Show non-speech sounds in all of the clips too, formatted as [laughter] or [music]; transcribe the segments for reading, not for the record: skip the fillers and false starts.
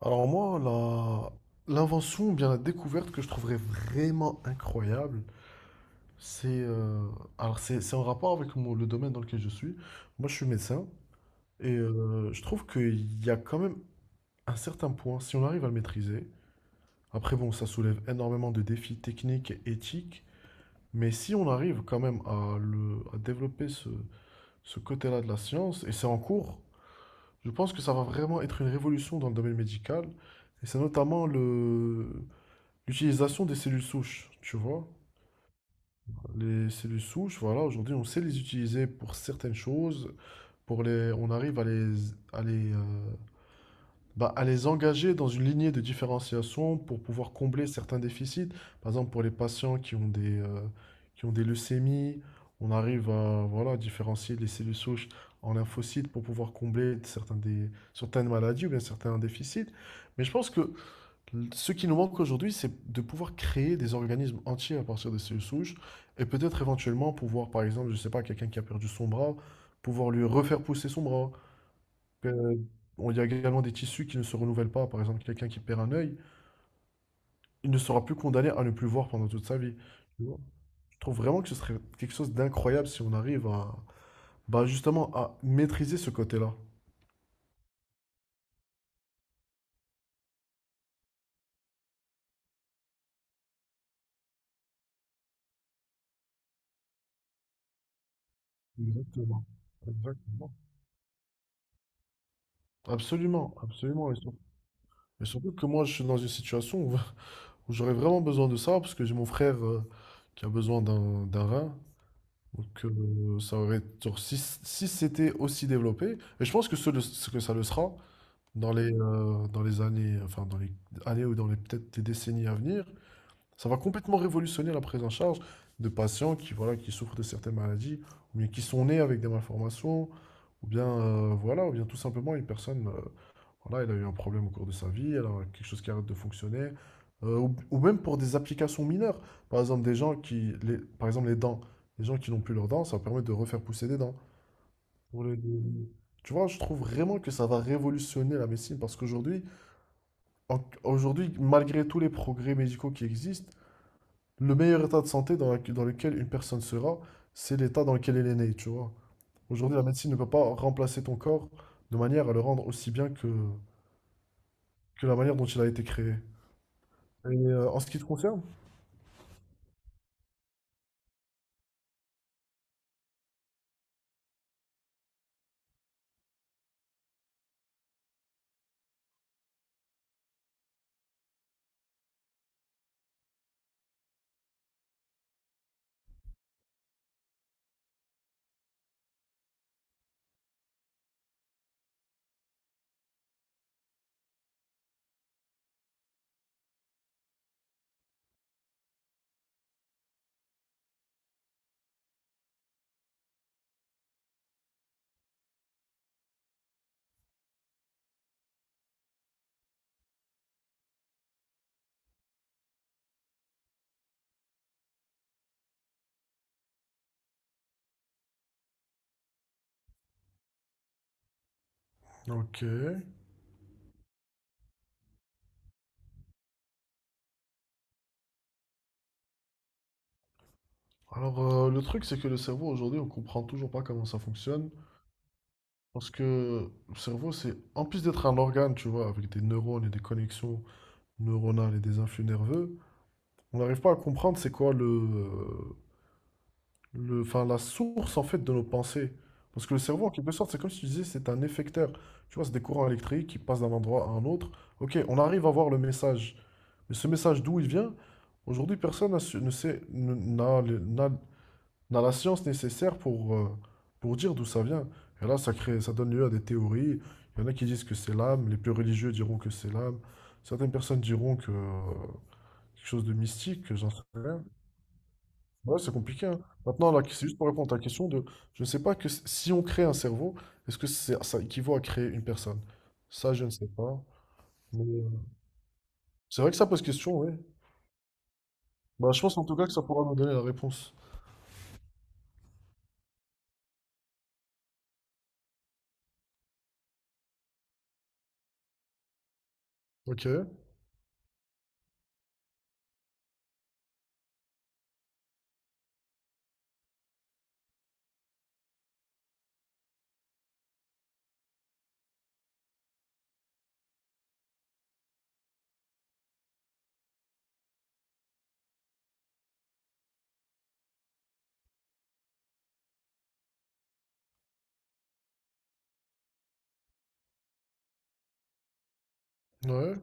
Alors moi, l'invention ou bien la découverte que je trouverais vraiment incroyable, c'est alors c'est en rapport avec le domaine dans lequel je suis. Moi, je suis médecin et je trouve qu'il y a quand même un certain point, si on arrive à le maîtriser, après bon, ça soulève énormément de défis techniques et éthiques, mais si on arrive quand même à, le, à développer ce côté-là de la science, et c'est en cours, je pense que ça va vraiment être une révolution dans le domaine médical, et c'est notamment le L'utilisation des cellules souches, tu vois. Les cellules souches, voilà, aujourd'hui, on sait les utiliser pour certaines choses, on arrive à les, euh, bah, à les engager dans une lignée de différenciation pour pouvoir combler certains déficits. Par exemple, pour les patients qui ont des leucémies, on arrive à, voilà, différencier les cellules souches en lymphocytes pour pouvoir combler certaines maladies ou bien certains déficits. Mais je pense que ce qui nous manque aujourd'hui, c'est de pouvoir créer des organismes entiers à partir de cellules souches et peut-être éventuellement pouvoir, par exemple, je sais pas, quelqu'un qui a perdu son bras, pouvoir lui refaire pousser son bras. Euh, Il y a également des tissus qui ne se renouvellent pas. Par exemple, quelqu'un qui perd un œil, il ne sera plus condamné à ne plus voir pendant toute sa vie. Tu vois. Je trouve vraiment que ce serait quelque chose d'incroyable si on arrive à, bah, justement, à maîtriser ce côté-là. Exactement. Exactement. Absolument, absolument. Et surtout que moi, je suis dans une situation où [laughs] j'aurais vraiment besoin de ça parce que j'ai mon frère qui a besoin d'un rein. Donc ça aurait genre, si c'était aussi développé, et je pense que ce que ça le sera dans les années, enfin dans les années ou dans les peut-être des décennies à venir, ça va complètement révolutionner la prise en charge de patients qui voilà qui souffrent de certaines maladies ou bien qui sont nés avec des malformations ou bien voilà ou bien tout simplement une personne voilà, il a eu un problème au cours de sa vie, elle a quelque chose qui arrête de fonctionner. Ou même pour des applications mineures. Par exemple, des gens par exemple, les dents. Les gens qui n'ont plus leurs dents, ça permet de refaire pousser des dents. Pour les- les- Tu vois, je trouve vraiment que ça va révolutionner la médecine parce qu'aujourd'hui, aujourd'hui, malgré tous les progrès médicaux qui existent, le meilleur état de santé dans lequel une personne sera, c'est l'état dans lequel elle est née, tu vois. Aujourd'hui, la médecine ne peut pas remplacer ton corps de manière à le rendre aussi bien que la manière dont il a été créé. Et en ce qui te concerne, ok. Alors, le truc, c'est que le cerveau, aujourd'hui, on comprend toujours pas comment ça fonctionne. Parce que le cerveau, c'est, en plus d'être un organe, tu vois, avec des neurones et des connexions neuronales et des influx nerveux, on n'arrive pas à comprendre c'est quoi enfin, la source, en fait, de nos pensées. Parce que le cerveau, en quelque sorte, c'est comme si tu disais, c'est un effecteur. Tu vois, c'est des courants électriques qui passent d'un endroit à un autre. Ok, on arrive à voir le message. Mais ce message, d'où il vient? Aujourd'hui, personne n'a su- ne sait, ne- n'a le- n'a on a la science nécessaire pour dire d'où ça vient. Et là, ça crée, ça donne lieu à des théories. Il y en a qui disent que c'est l'âme, les plus religieux diront que c'est l'âme. Certaines personnes diront quelque chose de mystique, que j'en sais rien. Ouais, c'est compliqué, hein. Maintenant, là, c'est juste pour répondre à ta question de, je ne sais pas que si on crée un cerveau, est-ce que c'est, ça équivaut à créer une personne? Ça, je ne sais pas. Mais c'est vrai que ça pose question, oui. Bah, je pense en tout cas que ça pourra nous donner la réponse. Ok, ouais.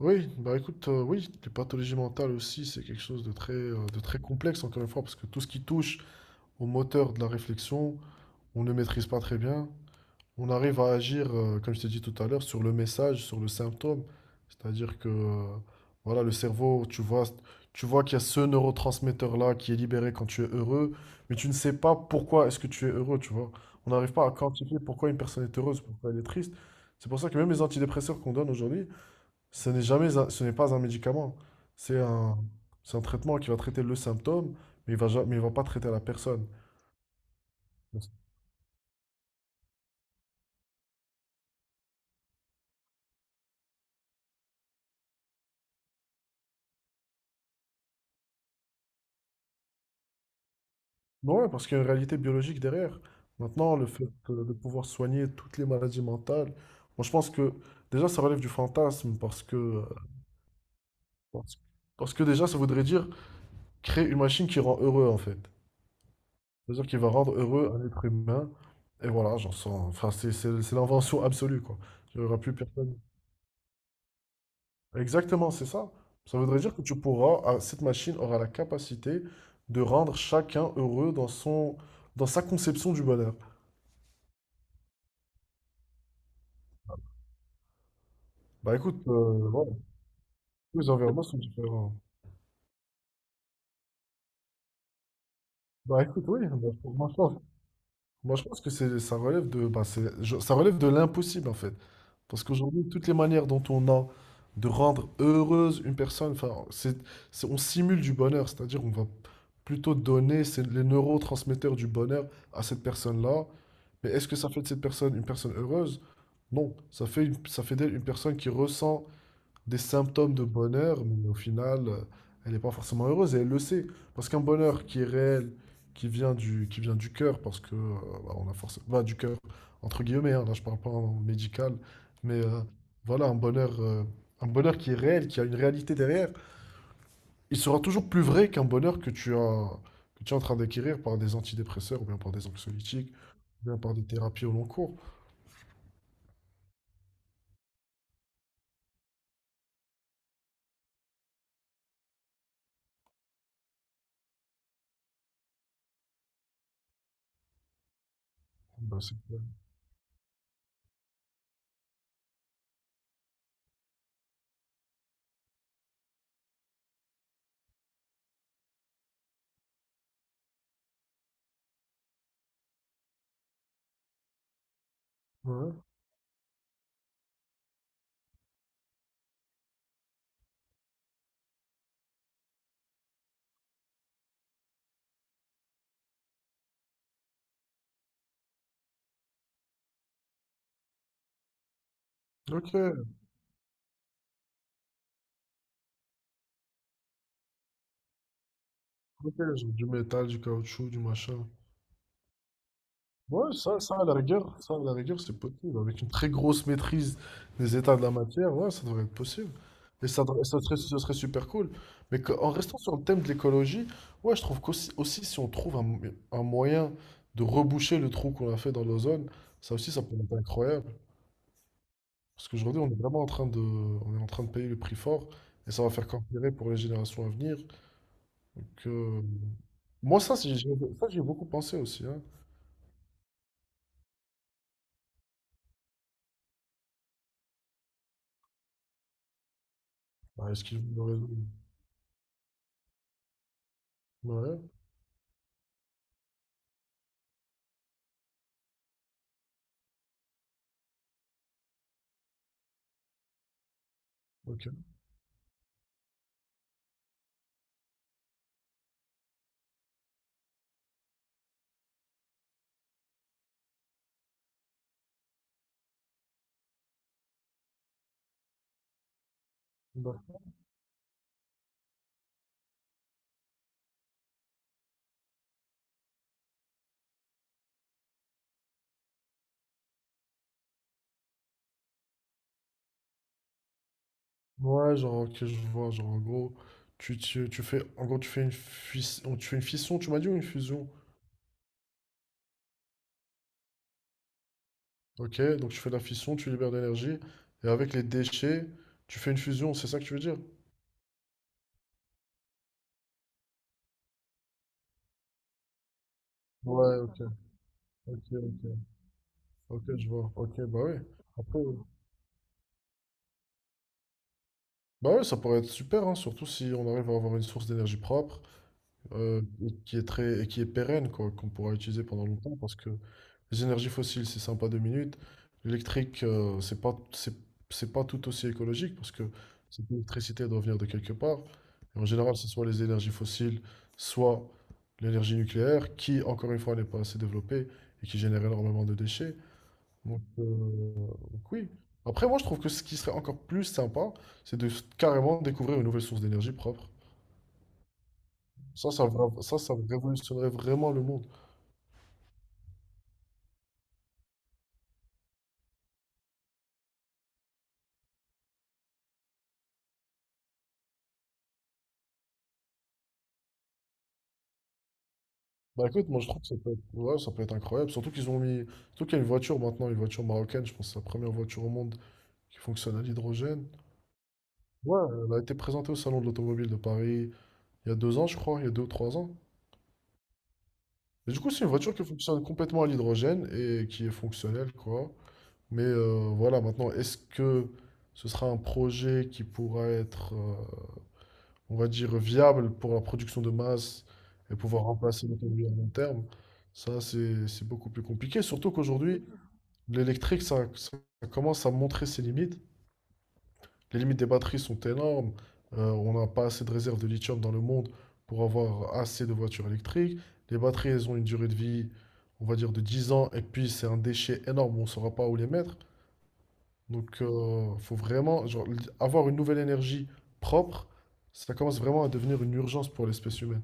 Oui, bah écoute, oui, les pathologies mentales aussi, c'est quelque chose de très complexe, encore une fois, parce que tout ce qui touche au moteur de la réflexion, on ne maîtrise pas très bien. On arrive à agir, comme je t'ai dit tout à l'heure, sur le message, sur le symptôme. C'est-à-dire voilà, le cerveau, tu vois qu'il y a ce neurotransmetteur-là qui est libéré quand tu es heureux, mais tu ne sais pas pourquoi est-ce que tu es heureux, tu vois. On n'arrive pas à quantifier pourquoi une personne est heureuse, pourquoi elle est triste. C'est pour ça que même les antidépresseurs qu'on donne aujourd'hui, ce n'est jamais ce n'est pas un médicament. C'est un, c'est un traitement qui va traiter le symptôme, mais il va pas traiter la personne. Parce- Ouais, parce qu'il y a une réalité biologique derrière. Maintenant, le fait de pouvoir soigner toutes les maladies mentales, moi je pense que déjà ça relève du fantasme parce, parce que déjà ça voudrait dire créer une machine qui rend heureux en fait. C'est-à-dire qu'il va rendre heureux un être humain. Et voilà, j'en sens. Enfin, c'est l'invention absolue, quoi. Il n'y aura plus personne. Exactement, c'est ça. Ça voudrait dire que tu pourras, ah, cette machine aura la capacité de rendre chacun heureux dans son, dans sa conception du bonheur. Bah écoute, voilà, tous les environnements sont différents. Bah écoute, oui, bah, pour moi, moi, je pense que c'est, ça relève de, bah, ça relève de l'impossible en fait. Parce qu'aujourd'hui, toutes les manières dont on a de rendre heureuse une personne, enfin, on simule du bonheur, c'est-à-dire on va plutôt donner les neurotransmetteurs du bonheur à cette personne-là. Mais est-ce que ça fait de cette personne une personne heureuse? Non, ça fait d'elle une personne qui ressent des symptômes de bonheur, mais au final, elle n'est pas forcément heureuse et elle le sait. Parce qu'un bonheur qui est réel, qui vient du cœur, parce que bah, on a forcément bah, du cœur, entre guillemets, hein, là je parle pas en médical, mais voilà, un bonheur, un bonheur, qui est réel, qui a une réalité derrière, il sera toujours plus vrai qu'un bonheur que tu as, que tu es en train d'acquérir par des antidépresseurs ou bien par des anxiolytiques, ou bien par des thérapies au long cours. Bah, c'est clair. Ouais. Ok, ok, genre du métal, du caoutchouc, du machin. Ouais, ça, à la rigueur, ça, à la rigueur, c'est possible. Avec une très grosse maîtrise des états de la matière, ouais, ça devrait être possible. Et ça, ça serait, ce serait super cool. En restant sur le thème de l'écologie, ouais, je trouve qu'aussi, si on trouve un moyen de reboucher le trou qu'on a fait dans l'ozone, ça aussi, ça peut être incroyable. Parce qu'aujourd'hui, on est vraiment en train de, on est en train de payer le prix fort, et ça va faire qu'empirer pour les générations à venir. Donc, moi, ça, ça, j'y beaucoup pensé aussi. Hein. Ah, est-ce qu'il me raison- ouais, ok. D'accord. Ouais, genre, que je vois, genre, en gros, tu fais, en gros, tu fais une fission, tu m'as dit, ou une fusion? Ok, donc tu fais de la fission, tu libères de l'énergie, et avec les déchets, tu fais une fusion, c'est ça que tu veux dire? Ouais, ok, ok, ok, ok, je vois. Ok, bah oui. Après, bah ouais, ça pourrait être super, hein, surtout si on arrive à avoir une source d'énergie propre, et qui est très, et qui est pérenne, quoi, qu'on pourra utiliser pendant longtemps, parce que les énergies fossiles, c'est sympa 2 minutes. L'électrique, c'est pas tout aussi écologique, parce que cette électricité doit venir de quelque part. Et en général, c'est soit les énergies fossiles, soit l'énergie nucléaire, qui, encore une fois, n'est pas assez développée et qui génère énormément de déchets. Donc, euh, donc oui. Après, moi, je trouve que ce qui serait encore plus sympa, c'est de carrément découvrir une nouvelle source d'énergie propre. Ça révolutionnerait vraiment le monde. Bah écoute, moi je trouve que ça peut être, ouais, ça peut être incroyable. Surtout qu'ils ont mis. Surtout qu'il y a une voiture maintenant, une voiture marocaine, je pense que c'est la première voiture au monde qui fonctionne à l'hydrogène. Ouais, elle a été présentée au Salon de l'Automobile de Paris il y a 2 ans, je crois, il y a 2 ou 3 ans. Et du coup, c'est une voiture qui fonctionne complètement à l'hydrogène et qui est fonctionnelle, quoi. Mais voilà, maintenant, est-ce que ce sera un projet qui pourra être, on va dire, viable pour la production de masse et pouvoir remplacer l'automobile à long terme? Ça, c'est beaucoup plus compliqué. Surtout qu'aujourd'hui, l'électrique, ça commence à montrer ses limites. Les limites des batteries sont énormes. On n'a pas assez de réserves de lithium dans le monde pour avoir assez de voitures électriques. Les batteries, elles ont une durée de vie, on va dire, de 10 ans. Et puis, c'est un déchet énorme. On ne saura pas où les mettre. Donc, il faut vraiment genre, avoir une nouvelle énergie propre. Ça commence vraiment à devenir une urgence pour l'espèce humaine.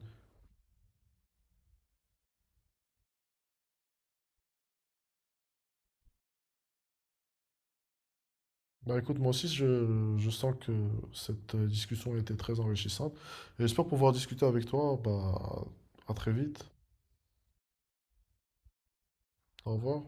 Bah écoute, moi aussi, je sens que cette discussion était très enrichissante et j'espère pouvoir discuter avec toi. Bah, à très vite. Au revoir.